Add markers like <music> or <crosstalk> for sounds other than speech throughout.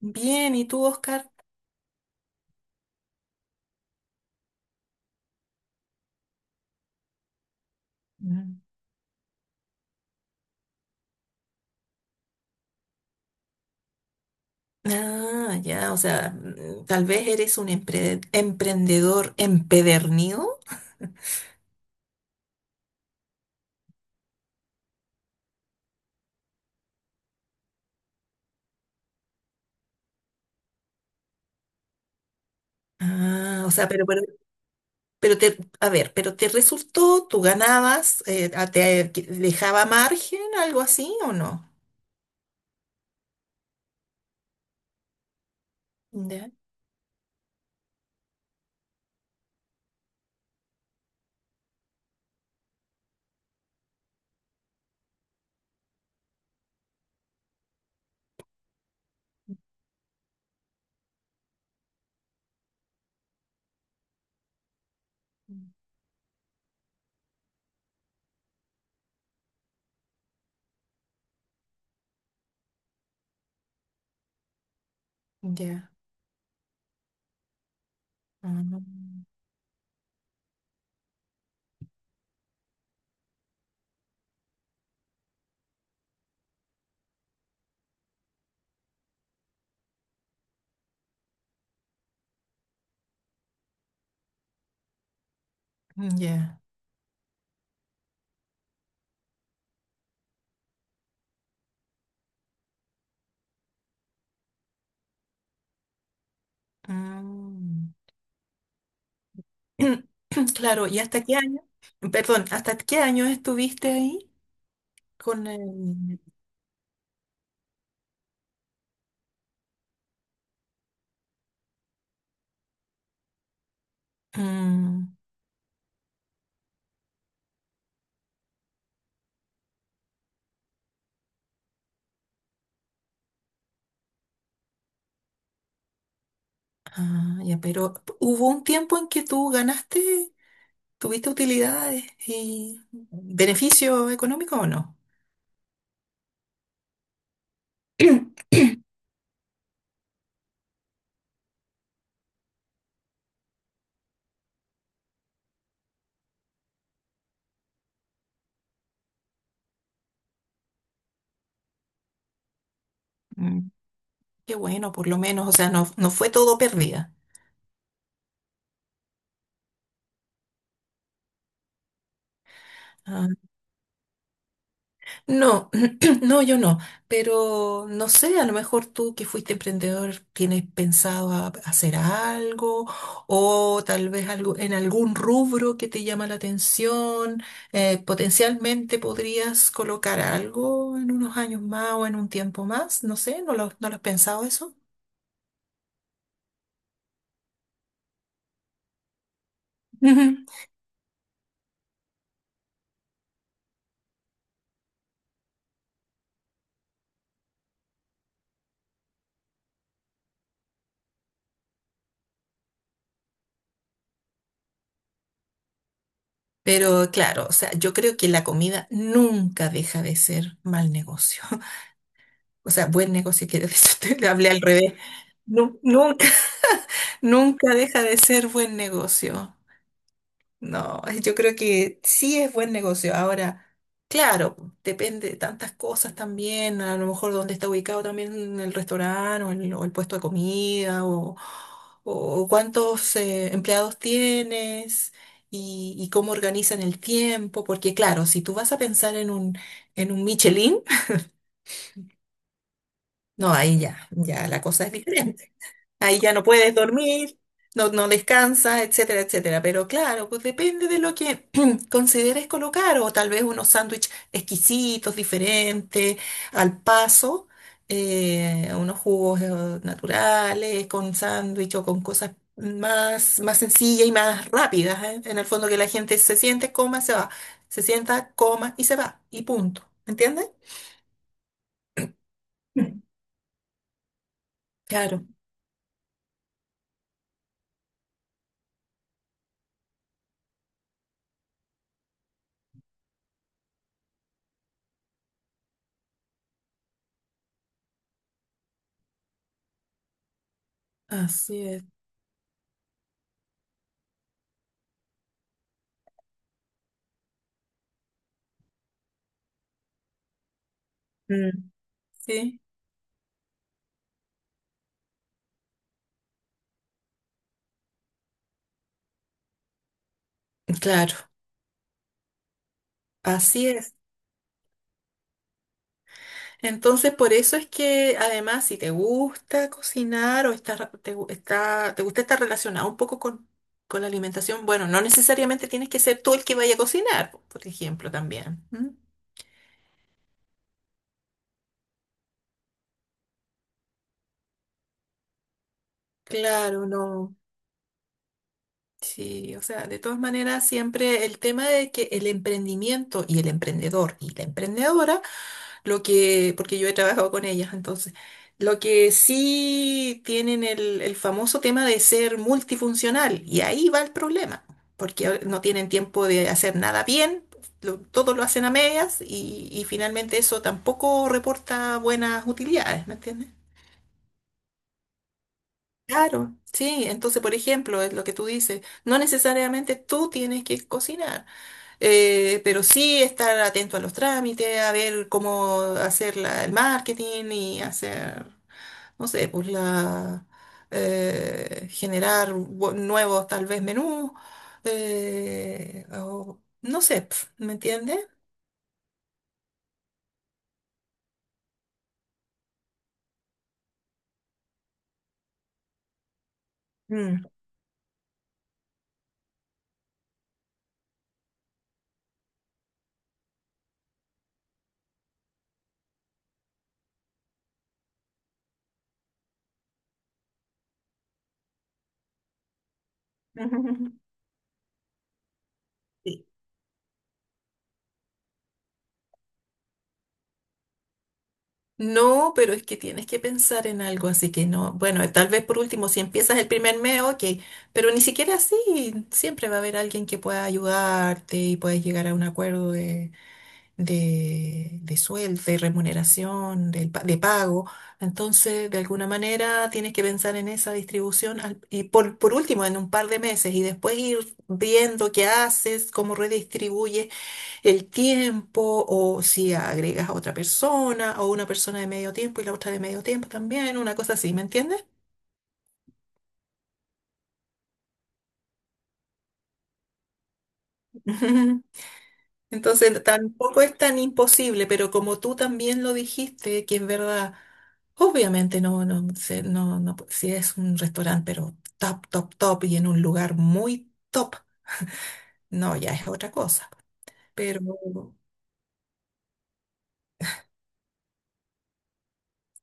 Bien, ¿y tú, Oscar? Mm. Ah, ya, o sea, tal vez eres un emprendedor empedernido. Ah, o sea, pero te, a ver, pero te resultó, tú ganabas, dejaba margen, algo así, ¿o no? Ya, ya, ah, ya. Mm. <clears throat> Claro, ¿y hasta qué año? Perdón, ¿hasta qué año estuviste ahí con el... Mm. Ah, ya, pero hubo un tiempo en que tú ganaste, ¿tuviste utilidades y beneficio económico o no? <clears throat> Mm, qué bueno, por lo menos, o sea, no no fue todo pérdida. Ah, no, <clears throat> no, yo no, pero no sé, a lo mejor tú que fuiste emprendedor tienes pensado hacer algo o tal vez algo en algún rubro que te llama la atención, potencialmente podrías colocar algo en unos años más o en un tiempo más. No sé, no lo has pensado eso. Ujú. Pero claro, o sea, yo creo que la comida nunca deja de ser mal negocio. <laughs> O sea, buen negocio, quiero decir, <laughs> te hablé al revés. Nunca. Nunca deja de ser buen negocio. No, yo creo que sí es buen negocio. Ahora, claro, depende de tantas cosas también, a lo mejor dónde está ubicado también el restaurante o el puesto de comida, o cuántos empleados tienes y cómo organizan el tiempo, porque claro, si tú vas a pensar en un Michelin, no, ahí ya, ya la cosa es diferente. Ahí ya no puedes dormir, no no descansas, etcétera, etcétera. Pero claro, pues depende de lo que <clears throat> consideres colocar, o tal vez unos sándwiches exquisitos, diferentes, al paso, unos jugos naturales, con sándwich o con cosas más, más sencillas y más rápidas, ¿eh? En el fondo que la gente se siente, coma, se va. Se sienta, coma y se va. Y punto. ¿Entiendes? Mm. Claro, así es. Mm. Sí. Claro, así es. Entonces, por eso es que además, si te gusta cocinar o estás te, gu- está- te gusta estar relacionado un poco con la alimentación, bueno, no necesariamente tienes que ser tú el que vaya a cocinar, por ejemplo, también. ¿M? Claro, no. Sí, o sea, de todas maneras, siempre el tema de que el emprendimiento y el emprendedor y la emprendedora. Lo que, porque yo he trabajado con ellas, entonces. Lo que sí tienen el famoso tema de ser multifuncional, y ahí va el problema, porque no tienen tiempo de hacer nada bien, todo lo hacen a medias, y finalmente eso tampoco reporta buenas utilidades, ¿me entiendes? Claro, sí, entonces por ejemplo, es lo que tú dices, no necesariamente tú tienes que cocinar, pero sí estar atento a los trámites, a ver cómo hacer el marketing y hacer, no sé, pues la, generar nuevos tal vez menús, o, no sé, pf, ¿me entiendes? Mm. <laughs> Sí. No, pero es que tienes que pensar en algo, así que no. Bueno, tal vez por último, si empiezas el primer mes, ok, pero ni siquiera así, siempre va a haber alguien que pueda ayudarte y puedes llegar a un acuerdo de sueldo, de remuneración, pago. Entonces, de alguna manera, tienes que pensar en esa distribución y por último, en un par de meses y después ir viendo qué haces, cómo redistribuyes el tiempo, o si agregas a otra persona, o una persona de medio tiempo y la otra de medio tiempo también, una cosa así, ¿me entiendes? <laughs> Entonces tampoco es tan imposible, pero como tú también lo dijiste, que en verdad, obviamente no, no, no, no, si es un restaurante, pero top, top, top y en un lugar muy top, no, ya es otra cosa. Pero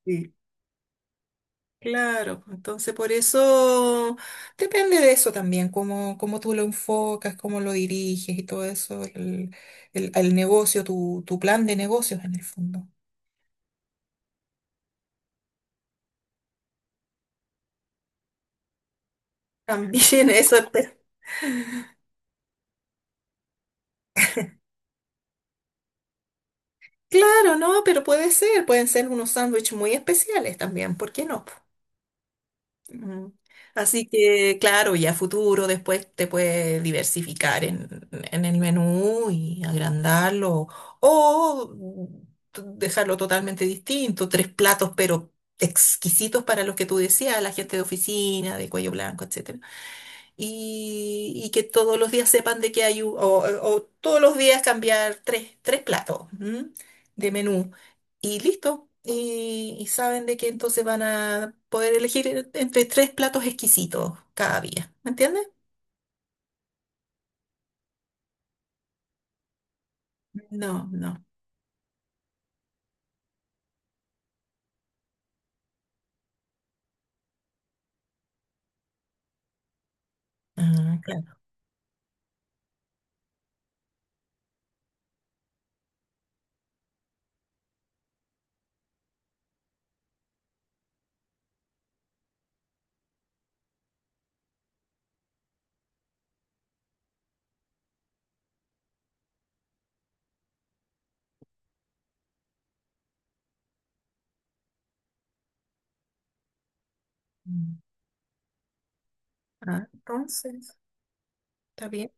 sí, claro, entonces por eso depende de eso también, cómo, cómo tú lo enfocas, cómo lo diriges y todo eso, el negocio, tu plan de negocios en el fondo. También <laughs> eso. Claro, no, pero puede ser, pueden ser unos sándwiches muy especiales también, ¿por qué no? ¿Po? Mm. Así que, claro, ya a futuro después te puedes diversificar en el menú y agrandarlo, o dejarlo totalmente distinto, tres platos, pero exquisitos para los que tú decías, la gente de oficina, de cuello blanco, etcétera, y que todos los días sepan de que hay, o todos los días cambiar tres, tres platos, ¿m? De menú y listo. Y saben de que entonces van a poder elegir entre tres platos exquisitos cada día. ¿Me entiendes? No, no. Ah, claro. Mm. Ah, entonces, está bien.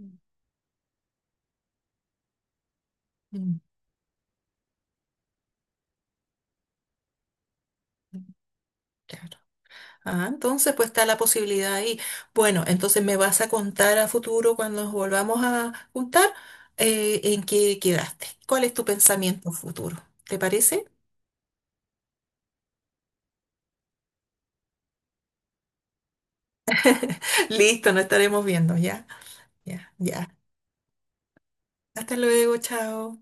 Mm, mm. Claro. Ah, entonces pues está la posibilidad ahí. Bueno, entonces me vas a contar a futuro cuando nos volvamos a juntar, en qué quedaste. ¿Cuál es tu pensamiento futuro? ¿Te parece? <laughs> Listo, nos estaremos viendo, ya, ya, ya. Hasta luego, chao.